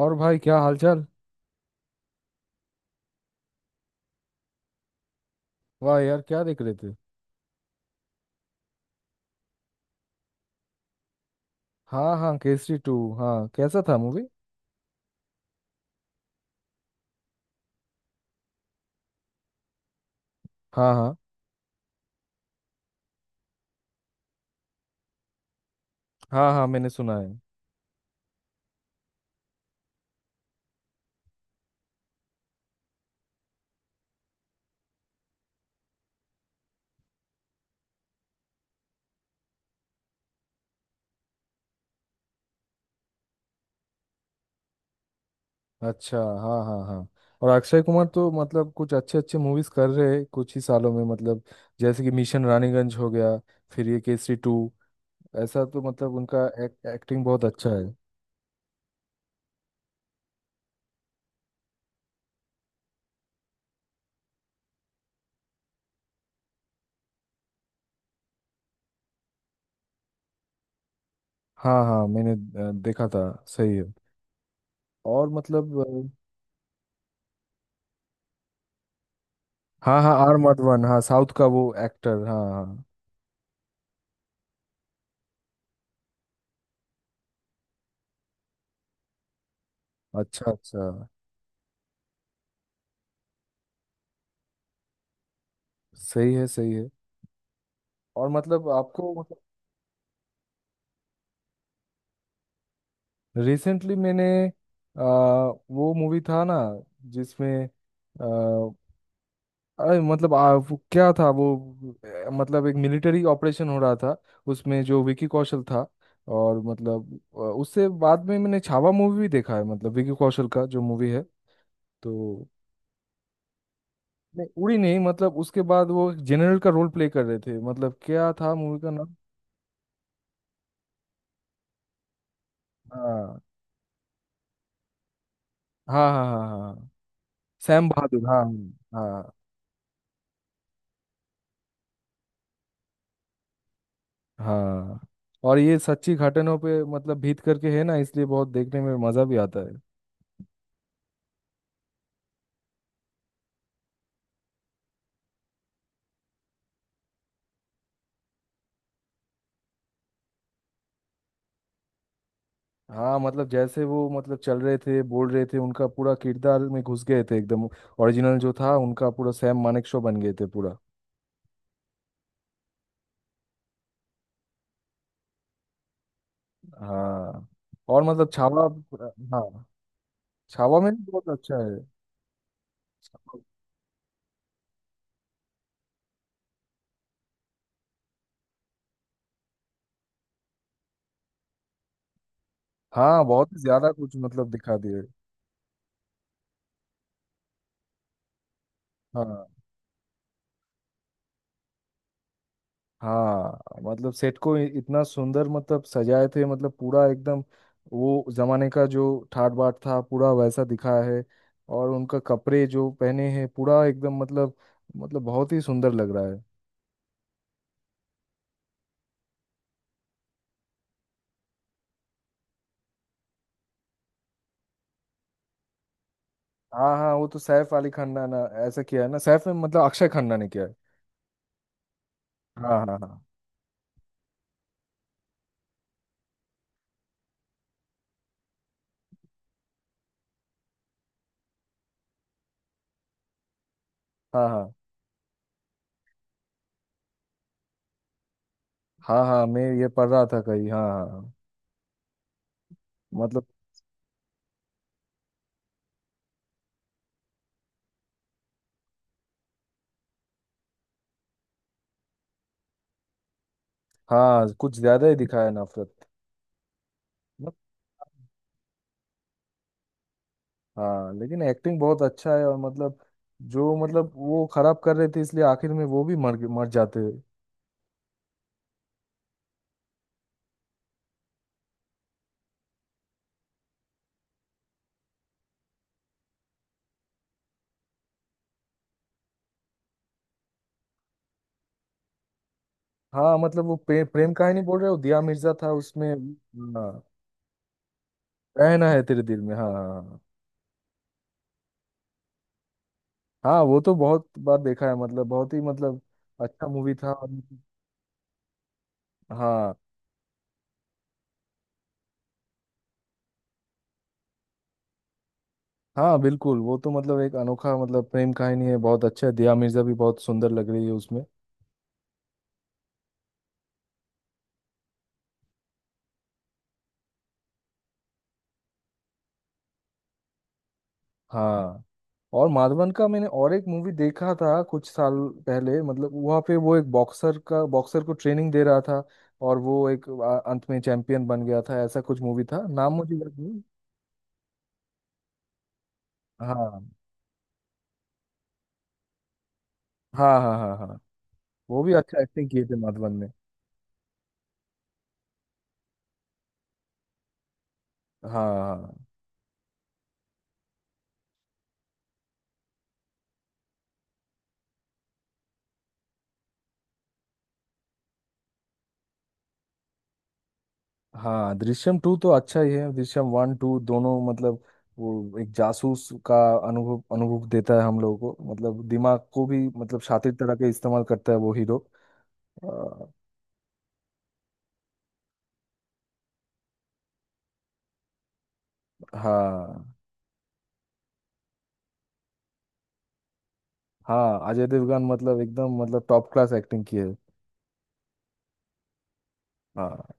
और भाई क्या हालचाल। वाह यार क्या देख रहे थे। हाँ हाँ, केसरी टू, हाँ कैसा था मूवी। हाँ हाँ हाँ हाँ, मैंने सुना है। अच्छा हाँ हाँ हाँ। और अक्षय कुमार तो मतलब कुछ अच्छे अच्छे मूवीज कर रहे हैं कुछ ही सालों में मतलब जैसे कि मिशन रानीगंज हो गया, फिर ये केसरी टू। ऐसा तो मतलब उनका एक्टिंग बहुत अच्छा है। हाँ हाँ, मैंने देखा था। सही है। और हाँ हाँ, आर माधवन, हाँ साउथ का वो एक्टर, हाँ हाँ। अच्छा अच्छा। सही है सही है। और मतलब आपको। रिसेंटली मैंने आ, वो मूवी था ना जिसमें आ, अरे मतलब वो क्या था वो। मतलब एक मिलिट्री ऑपरेशन हो रहा था उसमें, जो विकी कौशल था। और उससे बाद में मैंने छावा मूवी भी देखा है मतलब विकी कौशल का जो मूवी है तो। नहीं उड़ी नहीं, मतलब उसके बाद वो जनरल का रोल प्ले कर रहे थे, मतलब क्या था मूवी का नाम। हाँ हाँ हाँ हाँ, हाँ सैम बहादुर हाँ। हाँ हाँ। और ये सच्ची घटनाओं पे मतलब भीत करके है ना, इसलिए बहुत देखने में मजा भी आता है। हाँ मतलब जैसे वो मतलब चल रहे थे, बोल रहे थे, उनका पूरा किरदार में घुस गए थे एकदम। ओरिजिनल जो था उनका, पूरा सैम मानेकशॉ बन गए थे पूरा। हाँ, और मतलब छावा, हाँ छावा में भी बहुत अच्छा है। हाँ बहुत ही ज्यादा कुछ मतलब दिखा दिए। हाँ हाँ मतलब सेट को इतना सुंदर मतलब सजाए थे, मतलब पूरा एकदम वो जमाने का जो ठाट बाट था पूरा वैसा दिखाया है। और उनका कपड़े जो पहने हैं पूरा एकदम मतलब, मतलब बहुत ही सुंदर लग रहा है। हाँ हाँ, वो तो सैफ अली खन्ना ना। ऐसा किया है ना, सैफ में मतलब अक्षय खन्ना ने किया है। हाँ हाँ हाँ हाँ। हाँ हाँ हाँ, मैं ये पढ़ रहा था कहीं, हाँ हाँ हाँ। मतलब, हाँ कुछ ज्यादा ही दिखाया है नफरत। हाँ लेकिन एक्टिंग बहुत अच्छा है। और मतलब जो मतलब वो खराब कर रहे थे, इसलिए आखिर में वो भी मर मर जाते हैं। हाँ मतलब वो प्रेम कहानी बोल रहे हो, दिया मिर्जा था उसमें। हाँ, रहना है तेरे दिल में, हाँ हाँ। हाँ हाँ, वो तो बहुत बार देखा है, मतलब बहुत ही मतलब अच्छा मूवी था। और हाँ हाँ बिल्कुल, वो तो मतलब एक अनोखा मतलब प्रेम कहानी है, बहुत अच्छा है। दिया मिर्जा भी बहुत सुंदर लग रही है उसमें। हाँ, और माधवन का मैंने और एक मूवी देखा था कुछ साल पहले, मतलब वहाँ पे वो एक बॉक्सर का, बॉक्सर को ट्रेनिंग दे रहा था और वो एक अंत में चैंपियन बन गया था, ऐसा कुछ मूवी था, नाम मुझे याद नहीं। हाँ हाँ हाँ हाँ हाँ, वो भी अच्छा एक्टिंग किए थे माधवन ने। हाँ हाँ। हाँ दृश्यम टू तो अच्छा ही है, दृश्यम वन टू दोनों मतलब वो एक जासूस का अनुभव अनुभव देता है हम लोगों को, मतलब दिमाग को भी मतलब शातिर तरह के इस्तेमाल करता है वो हीरो। अ, हाँ हाँ, अजय देवगन मतलब एकदम मतलब टॉप क्लास एक्टिंग की है। हाँ।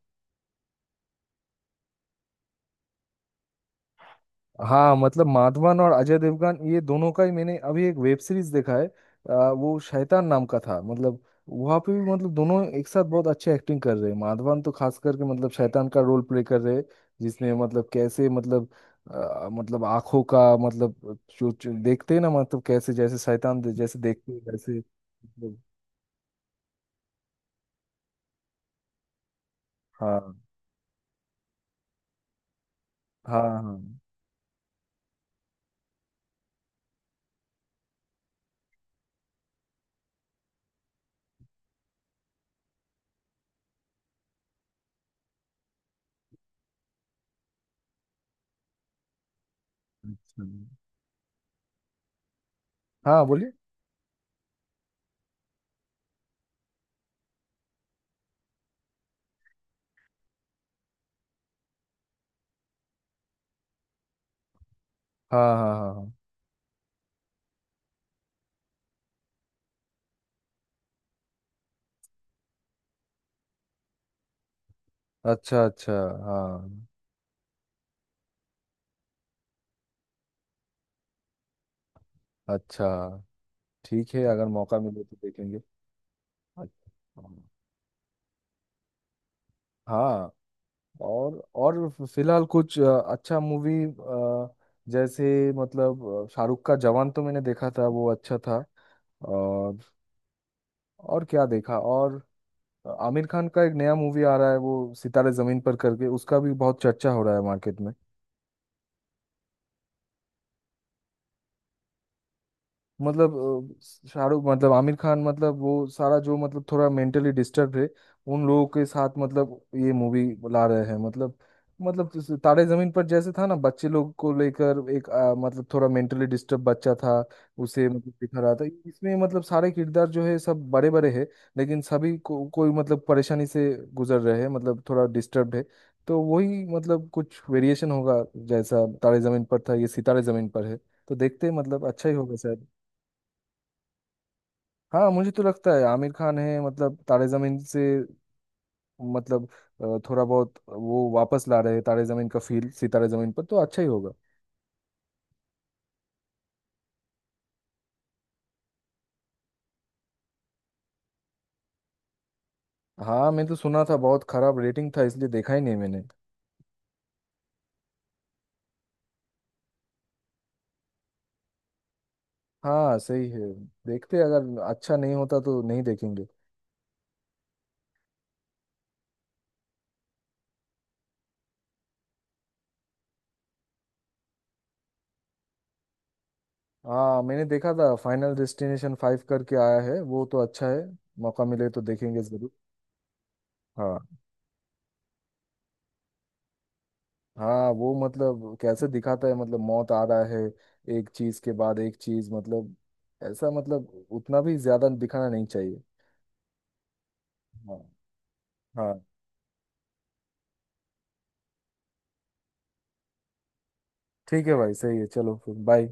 हाँ मतलब माधवन और अजय देवगन, ये दोनों का ही मैंने अभी एक वेब सीरीज देखा है। वो शैतान नाम का था मतलब, वहाँ पे भी मतलब दोनों एक साथ बहुत अच्छे एक्टिंग कर रहे हैं। माधवन तो खास करके मतलब शैतान का रोल प्ले कर रहे हैं, जिसमें मतलब कैसे मतलब मतलब आंखों का मतलब जो देखते हैं ना, मतलब कैसे जैसे शैतान जैसे देखते हैं वैसे मतलब। हाँ हाँ हाँ। अच्छा, हाँ बोलिए। हाँ हाँ हाँ हाँ। अच्छा अच्छा, हाँ। अच्छा। ठीक है, अगर मौका मिले तो देखेंगे। अच्छा। हाँ और फिलहाल कुछ अच्छा मूवी जैसे मतलब शाहरुख का जवान तो मैंने देखा था, वो अच्छा था। और और क्या देखा और, आमिर खान का एक नया मूवी आ रहा है वो सितारे जमीन पर करके, उसका भी बहुत चर्चा हो रहा है मार्केट में। मतलब शाहरुख मतलब आमिर खान मतलब वो सारा जो मतलब थोड़ा मेंटली डिस्टर्ब है उन लोगों के साथ मतलब ये मूवी ला रहे हैं मतलब। मतलब जैसे तारे जमीन पर जैसे था ना, बच्चे लोग को लेकर एक मतलब थोड़ा मेंटली डिस्टर्ब बच्चा था, उसे मतलब दिखा रहा था। इसमें मतलब सारे किरदार जो है सब बड़े बड़े हैं, लेकिन सभी को कोई मतलब परेशानी से गुजर रहे हैं, मतलब थोड़ा डिस्टर्ब है। तो वही मतलब कुछ वेरिएशन होगा, जैसा तारे जमीन पर था ये सितारे जमीन पर है। तो देखते हैं, मतलब अच्छा ही होगा शायद। हाँ मुझे तो लगता है आमिर खान है मतलब तारे जमीन से मतलब थोड़ा बहुत वो वापस ला रहे हैं तारे जमीन का फील, सितारे जमीन पर तो अच्छा ही होगा। हाँ मैं तो सुना था बहुत खराब रेटिंग था, इसलिए देखा ही नहीं मैंने। हाँ सही है, देखते हैं, अगर अच्छा नहीं होता तो नहीं देखेंगे। हाँ मैंने देखा था फाइनल डेस्टिनेशन फाइव करके आया है, वो तो अच्छा है, मौका मिले तो देखेंगे जरूर। हाँ हाँ, वो मतलब कैसे दिखाता है मतलब मौत आ रहा है, एक चीज के बाद एक चीज मतलब, ऐसा मतलब उतना भी ज्यादा दिखाना नहीं चाहिए। हाँ हाँ। ठीक है भाई, सही है, चलो फिर बाय।